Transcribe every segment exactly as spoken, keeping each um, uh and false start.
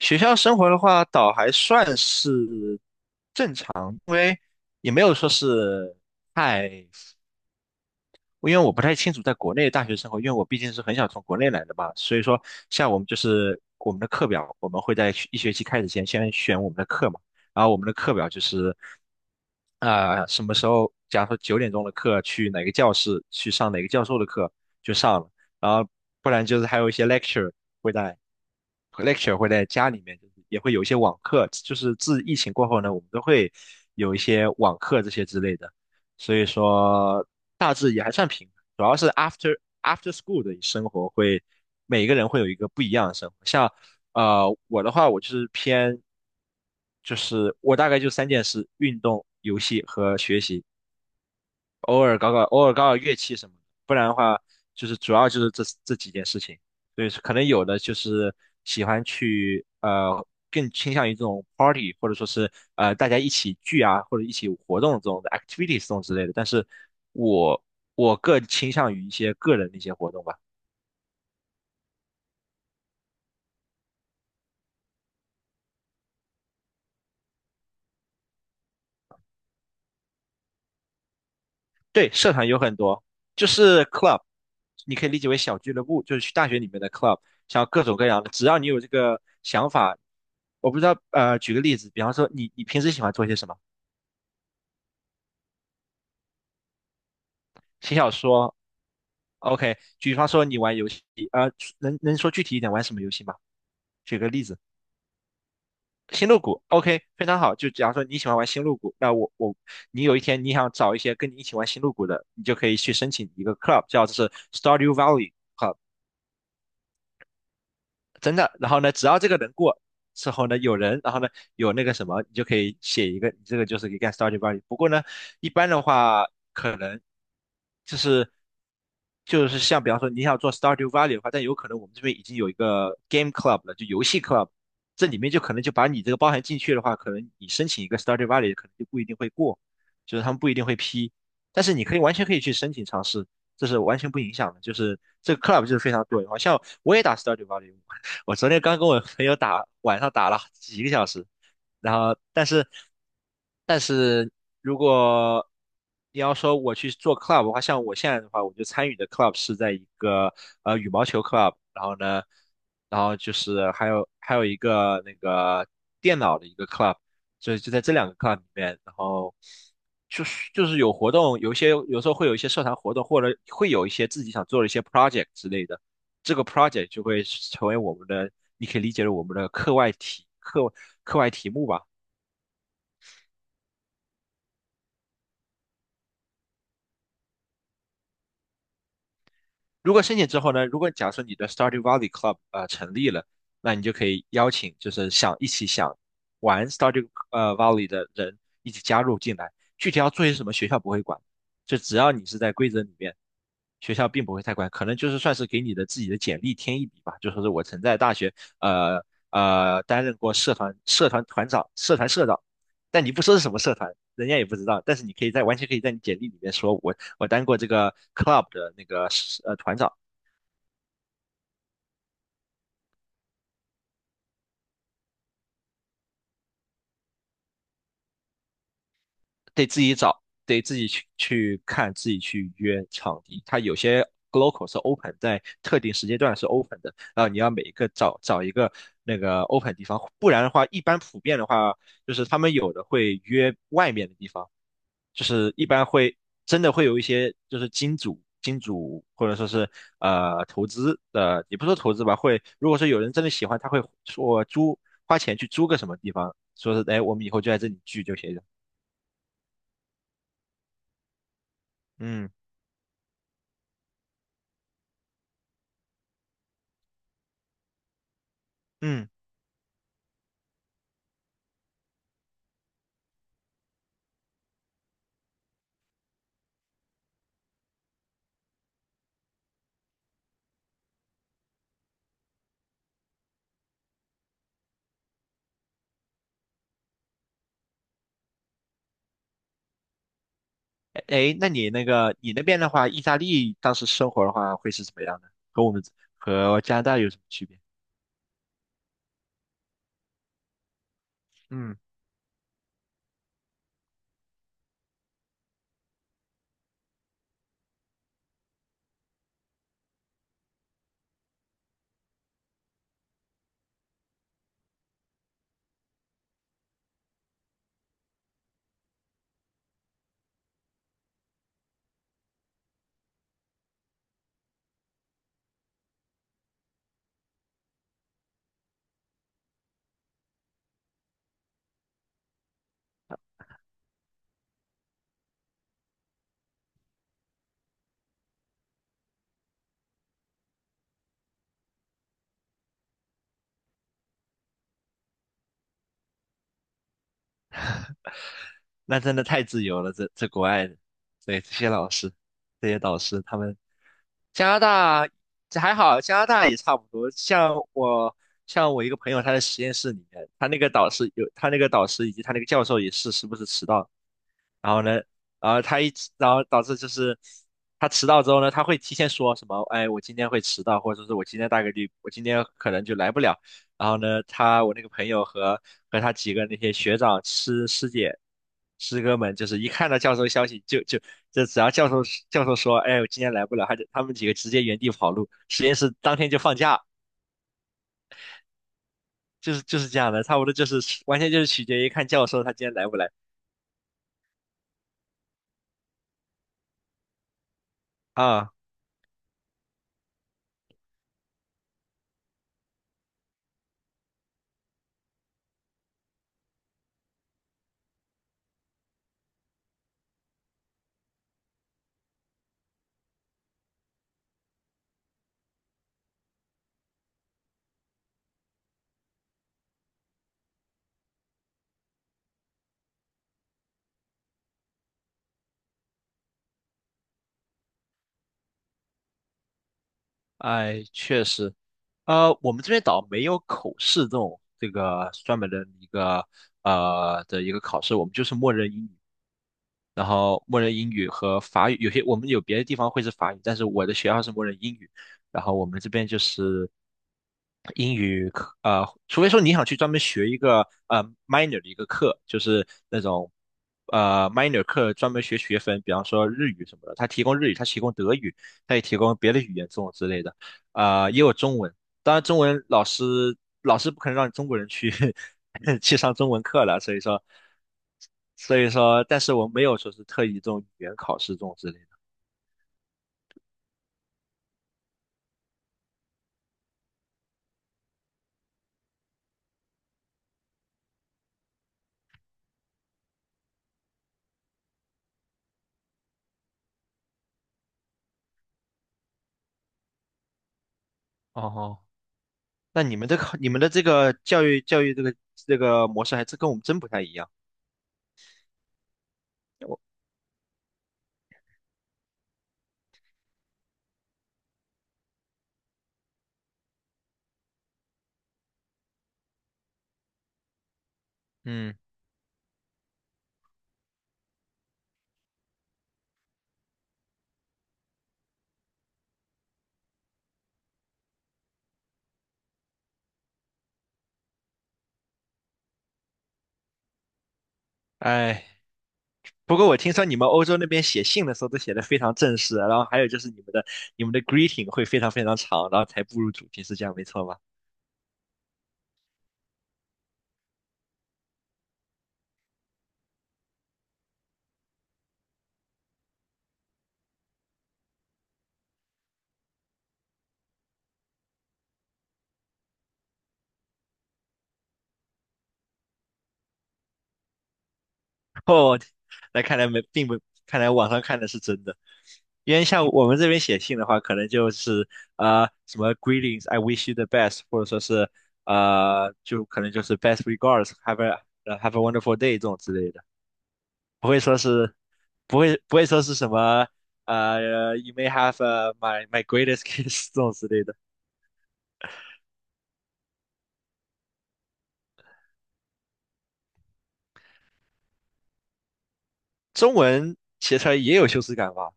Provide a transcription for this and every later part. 学校生活的话，倒还算是，也没有说是太。因为我不太清楚在国内大学生活，因为我毕竟是很想从国内来的嘛，所以说像我们就是我们的课表，我们会在学一学期开始前先选我们的课嘛，然后我们的课表就是啊、什么时候，假如说九点钟的课去哪个教室去上哪个教授的课就上了，然后不然就是还有一些 lecture 会在， lecture 会在家里面，就是也会有一些网课，就是自疫情过后呢，我们都会有一些网课这些之类的。所以说大致也还算平衡，主要是 after after school 的生活会，每个人会有一个不一样的生活。像呃我的话，我就是偏，就是我大概就三件事：运动、游戏和学习。偶尔搞搞偶尔搞搞乐器什么的，不然的话就是主要就是这这几件事情。对，可能有的就是喜欢去呃更倾向于这种 party，或者说是呃大家一起聚啊，或者一起活动这种的 activities 这种之类的。但是我我更倾向于一些个人的一些活动吧。对，社团有很多，就是 club，你可以理解为小俱乐部，就是去大学里面的 club，像各种各样的，只要你有这个想法，我不知道，呃，举个例子，比方说你你平时喜欢做些什么？写小说，OK。比方说你玩游戏，呃，能能说具体一点玩什么游戏吗？举个例子，星露谷，OK，非常好。就假如说你喜欢玩星露谷，那我我你有一天你想找一些跟你一起玩星露谷的，你就可以去申请一个 club，叫做是 Stardew Valley club。真的。然后呢，只要这个人过之后呢，有人，然后呢有那个什么，你就可以写一个，你这个就是一个 study value。不过呢，一般的话可能就是就是像比方说你想做 s t a r d e v a l u e 的话，但有可能我们这边已经有一个 Game Club 了，就游戏 Club,这里面就可能就把你这个包含进去的话，可能你申请一个 s t a r d e v a l u e 可能就不一定会过，就是他们不一定会批，但是你可以完全可以去申请尝试。这是完全不影响的，就是这个 club 就是非常多元化。像我也打 Stardew v a l u e， 我昨天刚跟我朋友打，晚上打了几个小时，然后但是但是如果你要说我去做 club 的话，像我现在的话，我就参与的 club 是在一个呃羽毛球 club，然后呢，然后就是还有还有一个那个电脑的一个 club，所以就在这两个 club 里面，然后就是就是有活动，有一些有时候会有一些社团活动，或者会有一些自己想做的一些 project 之类的。这个 project 就会成为我们的，你可以理解为我们的课外题课课外题目吧。如果申请之后呢，如果假设你的 s t u d y Valley Club 呃成立了，那你就可以邀请就是想一起想玩 s t u d y 呃 Valley 的人一起加入进来。具体要做些什么，学校不会管，就只要你是在规则里面，学校并不会太管，可能就是算是给你的自己的简历添一笔吧，就说是我曾在大学呃呃担任过社团社团团长、社团社长，但你不说是什么社团，人家也不知道，但是你可以在完全可以在你简历里面说我我当过这个 club 的那个呃团长，得自己找，得自己去去看，自己去约场地。它有些 local 是 open，在特定时间段是 open 的，然后你要每一个找找一个那个 open 地方，不然的话，一般普遍的话，就是他们有的会约外面的地方。就是一般会真的会有一些就是金主、金主或者说是呃投资的，也不说投资吧，会如果说有人真的喜欢，他会说租，花钱去租个什么地方，说是哎，我们以后就在这里聚就行了。嗯，嗯，哎，诶，那你那个你那边的话，意大利当时生活的话会是怎么样的？和我们和加拿大有什么区别？嗯，那真的太自由了，这这国外的，对这些老师，这些导师他们。加拿大这还好，加拿大也差不多。像我，像我一个朋友，他在实验室里面，他那个导师有，他那个导师以及他那个教授也是时不时迟到，然后呢，然后他一迟，然后导致就是他迟到之后呢，他会提前说什么，哎，我今天会迟到，或者说是我今天大概率，我今天可能就来不了。然后呢，他我那个朋友和和他几个那些学长、师师姐、师哥们，就是一看到教授消息就就，就只要教授教授说，哎，我今天来不了，他就他们几个直接原地跑路，实验室当天就放假，就是就是这样的，差不多就是完全就是取决于看教授他今天来不来啊。哎，确实，呃，我们这边倒没有口试这种这个专门的一个呃的一个考试，我们就是默认英语，然后默认英语和法语，有些我们有别的地方会是法语，但是我的学校是默认英语，然后我们这边就是英语课，呃，除非说你想去专门学一个呃 minor 的一个课，就是那种呃 minor 课专门学学分，比方说日语什么的，他提供日语，他提供德语，他也提供别的语言这种之类的，呃，也有中文。当然，中文老师老师不可能让中国人去 去上中文课了，所以说，所以说，但是我没有说是特意这种语言考试这种之类的。哦，那你们的考，你们的这个教育教育这个这个模式还真跟我们真不太一样。我嗯，哎，不过我听说你们欧洲那边写信的时候都写的非常正式，然后还有就是你们的你们的 greeting 会非常非常长，然后才步入主题，是这样没错吧？哦，那看来没并不，看来网上看的是真的，因为像我们这边写信的话，可能就是呃什么 greetings，I wish you the best，或者说是呃就可能就是 best regards，have a have a wonderful day 这种之类的。不会说是，不会不会说是什么，呃，you may have u my my greatest kiss 这种之类的。中文写出来也有羞耻感吧？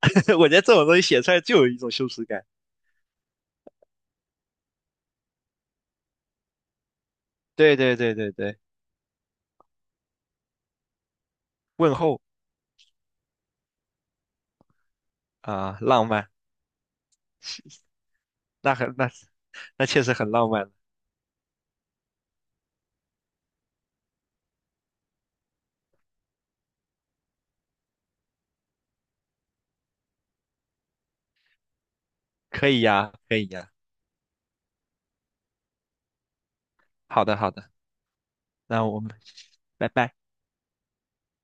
我觉得这种东西写出来就有一种羞耻感。对对对对对，问候、啊、浪漫，那很那那确实很浪漫，可以呀，可以呀。好的好的，那我们拜拜。